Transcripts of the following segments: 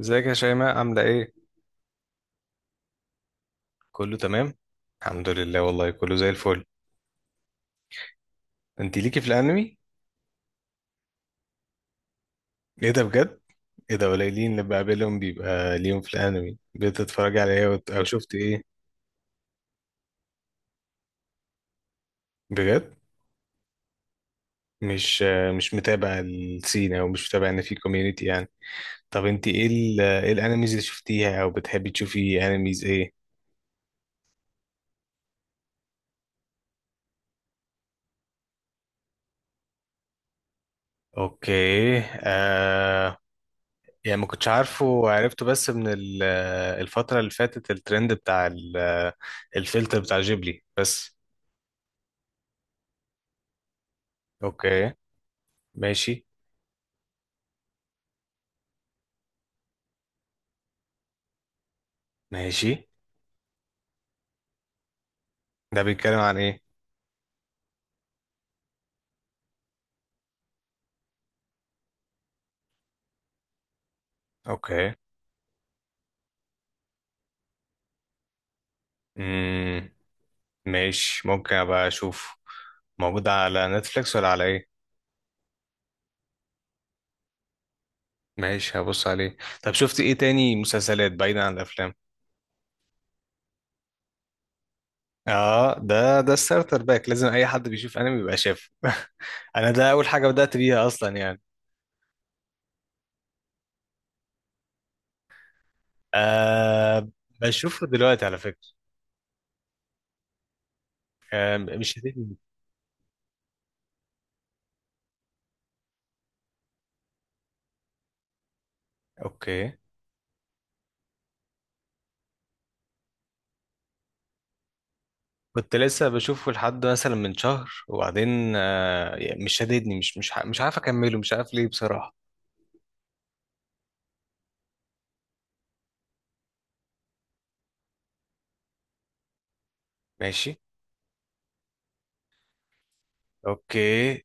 ازيك يا شيماء، عاملة ايه؟ كله تمام؟ الحمد لله، والله كله زي الفل. انت ليكي في الانمي؟ ايه ده بجد؟ ايه ده، قليلين اللي بقابلهم بيبقى ليهم في الانمي. بتتفرجي على ايه او شفت ايه؟ بجد؟ مش مش متابع السين، او مش متابع ان في كوميونيتي يعني. طب انت ايه ايه الانميز اللي شفتيها، او بتحبي تشوفي انميز ايه؟ اوكي آه. يعني ما كنتش عارفه وعرفته بس من الفترة اللي فاتت، الترند بتاع الفلتر بتاع جيبلي بس. اوكي، ماشي. ماشي، ده بيتكلم عن ايه؟ اوكي. امم، ماشي، ممكن ابقى اشوف. موجود على نتفليكس ولا على ايه؟ ماشي، هبص عليه. طب شفت ايه تاني مسلسلات بعيدا عن الافلام؟ اه، ده الستارتر باك، لازم اي حد بيشوف انمي يبقى شافه انا ده اول حاجة بدأت بيها اصلا يعني. آه، بشوفه دلوقتي على فكرة. مش هتدي. اوكي. كنت لسه بشوفه لحد مثلا من شهر، وبعدين يعني مش شاددني، مش عارف اكمله، مش عارف ليه بصراحة. ماشي. اوكي.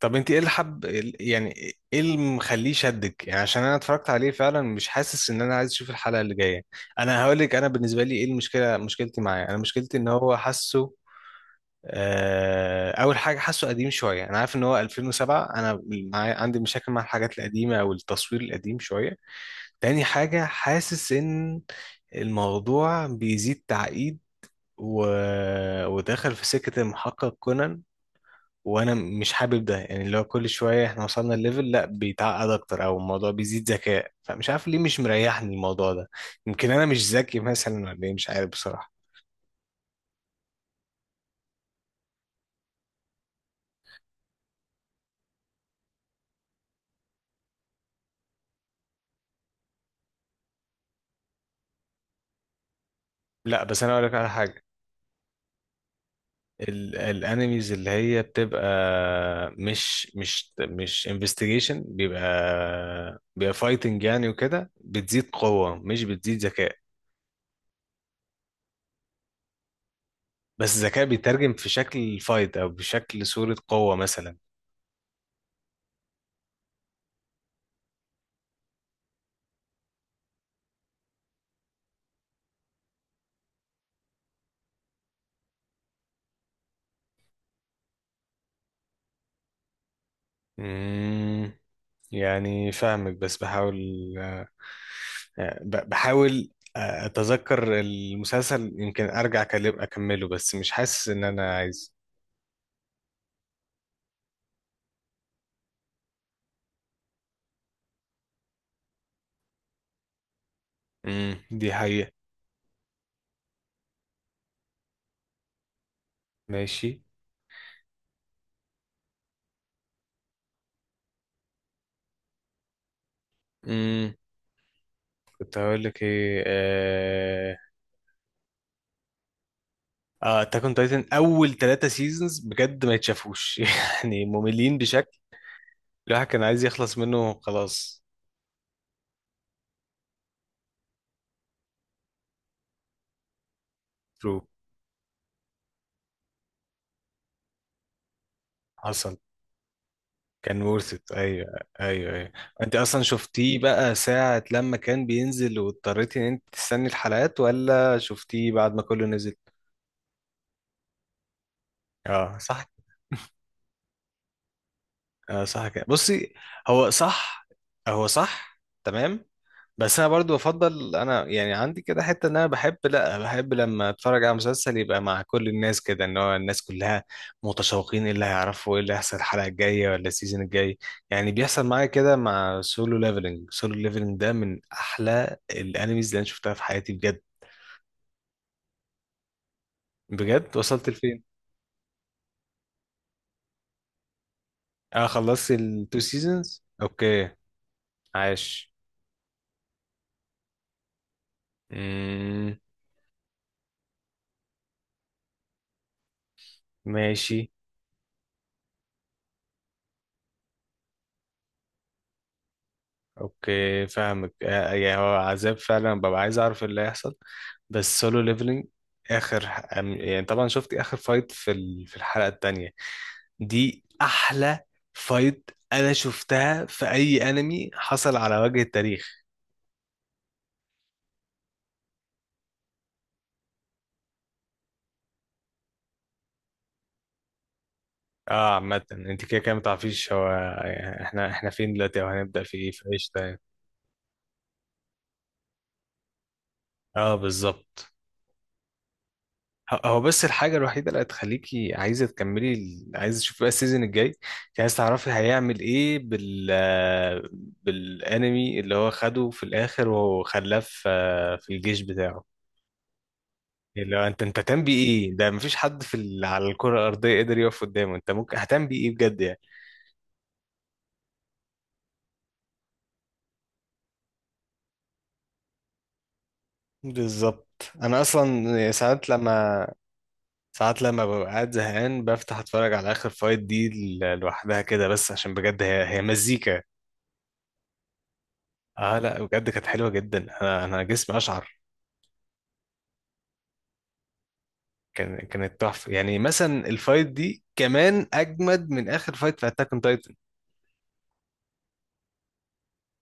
طب انت ايه اللي حب، يعني ايه اللي مخليه شدك؟ يعني عشان انا اتفرجت عليه فعلا، مش حاسس ان انا عايز اشوف الحلقة اللي جاية. انا هقول لك، انا بالنسبة لي ايه المشكلة. مشكلتي معاه، انا مشكلتي ان هو حاسه. اول حاجة، حاسه قديم شوية. انا عارف ان هو 2007. عندي مشاكل مع الحاجات القديمة او التصوير القديم شوية. تاني حاجة، حاسس إن الموضوع بيزيد تعقيد، و... ودخل في سكة المحقق كونان. وأنا مش حابب ده، يعني اللي هو كل شوية إحنا وصلنا الليفل، لأ بيتعقد أكتر، أو الموضوع بيزيد ذكاء. فمش عارف ليه مش مريحني الموضوع ده، يمكن أنا مش ذكي مثلا، ولا إيه؟ مش عارف بصراحة. لأ بس أنا أقولك على حاجة. ال الانميز اللي هي بتبقى، مش انفستيجيشن، بيبقى فايتنج يعني، وكده بتزيد قوة مش بتزيد ذكاء. بس الذكاء بيترجم في شكل فايت، او بشكل صورة قوة مثلا. امم، يعني فاهمك بس بحاول. آه، بحاول. اتذكر المسلسل، يمكن ارجع اكمله، بس مش حاسس ان انا عايز. امم، دي حقيقة. ماشي. مم. كنت هقول لك ايه. اه، اتاك اون تايتن اول 3 سيزونز بجد ما يتشافوش يعني مملين بشكل، الواحد كان عايز يخلص منه خلاص. ترو. حصل. كان worth it. ايوه ايوه ايوه. انت اصلا شفتيه بقى ساعة لما كان بينزل، واضطريتي ان انت تستني الحلقات، ولا شفتيه بعد ما كله نزل؟ اه صح، اه صح كده. بصي. هو صح، هو صح. تمام. بس انا برضو بفضل، انا يعني عندي كده حته، ان انا بحب لا بحب لما اتفرج على مسلسل يبقى مع كل الناس كده. ان هو الناس كلها متشوقين، ايه اللي هيعرفوا، ايه اللي هيحصل الحلقه الجايه ولا السيزون الجاي. يعني بيحصل معايا كده مع سولو ليفلنج. سولو ليفلنج ده من احلى الانميز اللي انا شفتها في حياتي بجد. بجد، وصلت لفين؟ اه، خلصت التو سيزونز. اوكي. عاش. امم. ماشي. اوكي فاهمك. يعني هو عذاب فعلا، ببقى عايز اعرف اللي هيحصل. بس سولو ليفلنج، يعني طبعا شفت اخر فايت في في الحلقة التانية. دي احلى فايت انا شفتها في اي انمي حصل على وجه التاريخ. اه عامة، انت كده كده متعرفيش هو، يعني احنا فين دلوقتي، او هنبدأ في ايه، في ايش تاني. اه بالظبط. هو بس الحاجة الوحيدة اللي هتخليكي عايزة تكملي عايزة تشوفي بقى السيزون الجاي، انت عايزة تعرفي هيعمل ايه بالانمي اللي هو خده في الاخر وخلاه في الجيش بتاعه. اللي هو انت هتعمل بيه ايه؟ ده مفيش حد على الكرة الأرضية قدر يقف قدامه، انت ممكن هتعمل بيه ايه بجد يعني. بالظبط. انا اصلا ساعات لما ببقى قاعد زهقان، بفتح اتفرج على اخر فايت دي لوحدها كده. بس عشان بجد هي مزيكا. اه لا بجد كانت حلوه جدا. انا جسمي اشعر. كانت تحفه، يعني مثلا الفايت دي كمان اجمد من اخر فايت في اتاك اون تايتن،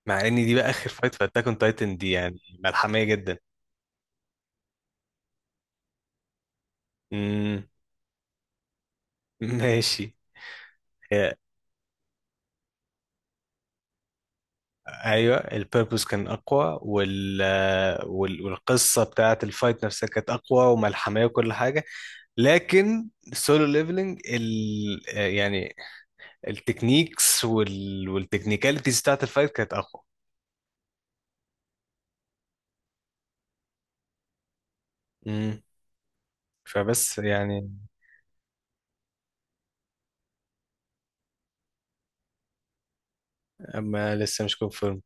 مع ان دي بقى اخر فايت في اتاك اون تايتن دي يعني ملحميه جدا. امم. ماشي. هي- ايوه البيربوس كان اقوى، والقصه بتاعت الفايت نفسها كانت اقوى وملحميه وكل حاجه. لكن السولو ليفلنج، ال... آه، يعني التكنيكس والتكنيكاليتيز بتاعت الفايت كانت اقوى. فبس يعني. اما لسه مش كونفيرم.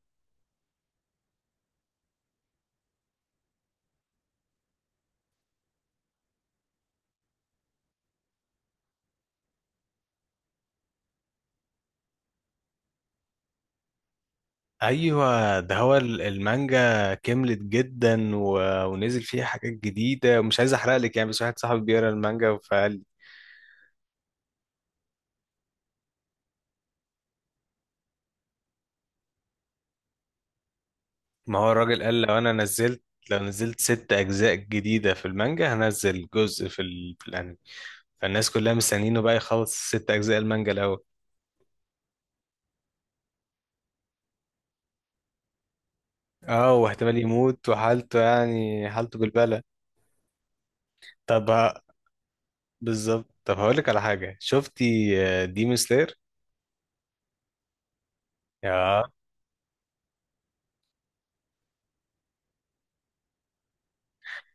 ايوه، ده هو المانجا كملت جدا، و... ونزل فيها حاجات جديده. مش عايز احرق لك يعني، بس واحد صاحبي بيقرا المانجا فقال. ما هو الراجل قال لو نزلت 6 اجزاء جديده في المانجا هنزل جزء في الانمي. فالناس كلها مستنيينه بقى يخلص 6 اجزاء المانجا الاول. اه، واحتمال يموت وحالته، يعني حالته بالبلة. طب ه- بالظبط. طب هقول لك على حاجه، شفتي ديمون سلاير؟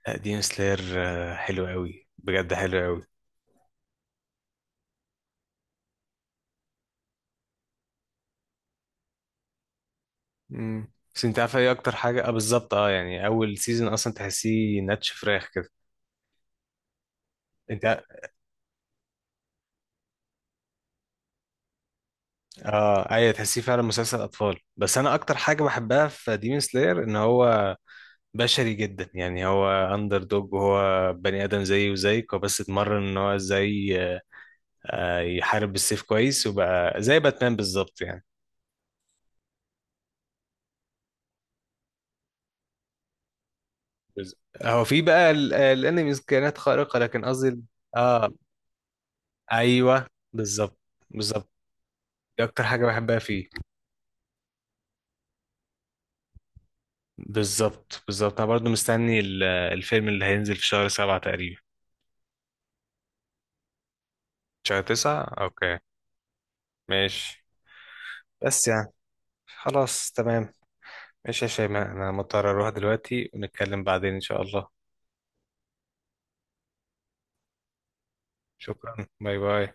لا، ديم سلاير حلو قوي بجد، حلو قوي. امم. بس انت عارف ايه اكتر حاجه. اه بالظبط. اه يعني اول سيزون اصلا تحسيه ناتش فراخ كده. انت. اه ايوه، تحسيه فعلا مسلسل اطفال. بس انا اكتر حاجه بحبها في ديمون سلاير، ان هو بشري جدا. يعني هو اندر دوج، وهو بني ادم زيه وزيك. هو بس اتمرن ان هو ازاي يحارب بالسيف كويس، وبقى زي باتمان بالظبط يعني. بز- هو في بقى الانميز كائنات خارقه، لكن قصدي اه ايوه. بالظبط. بالظبط. دي اكتر حاجه بحبها فيه. بالظبط، بالظبط. انا برضو مستني الفيلم اللي هينزل في شهر 7 تقريبا. شهر 9، اوكي. ماشي. بس يعني خلاص تمام. ماشي يا شيماء، انا مضطر اروح دلوقتي، ونتكلم بعدين ان شاء الله. شكرا، باي باي.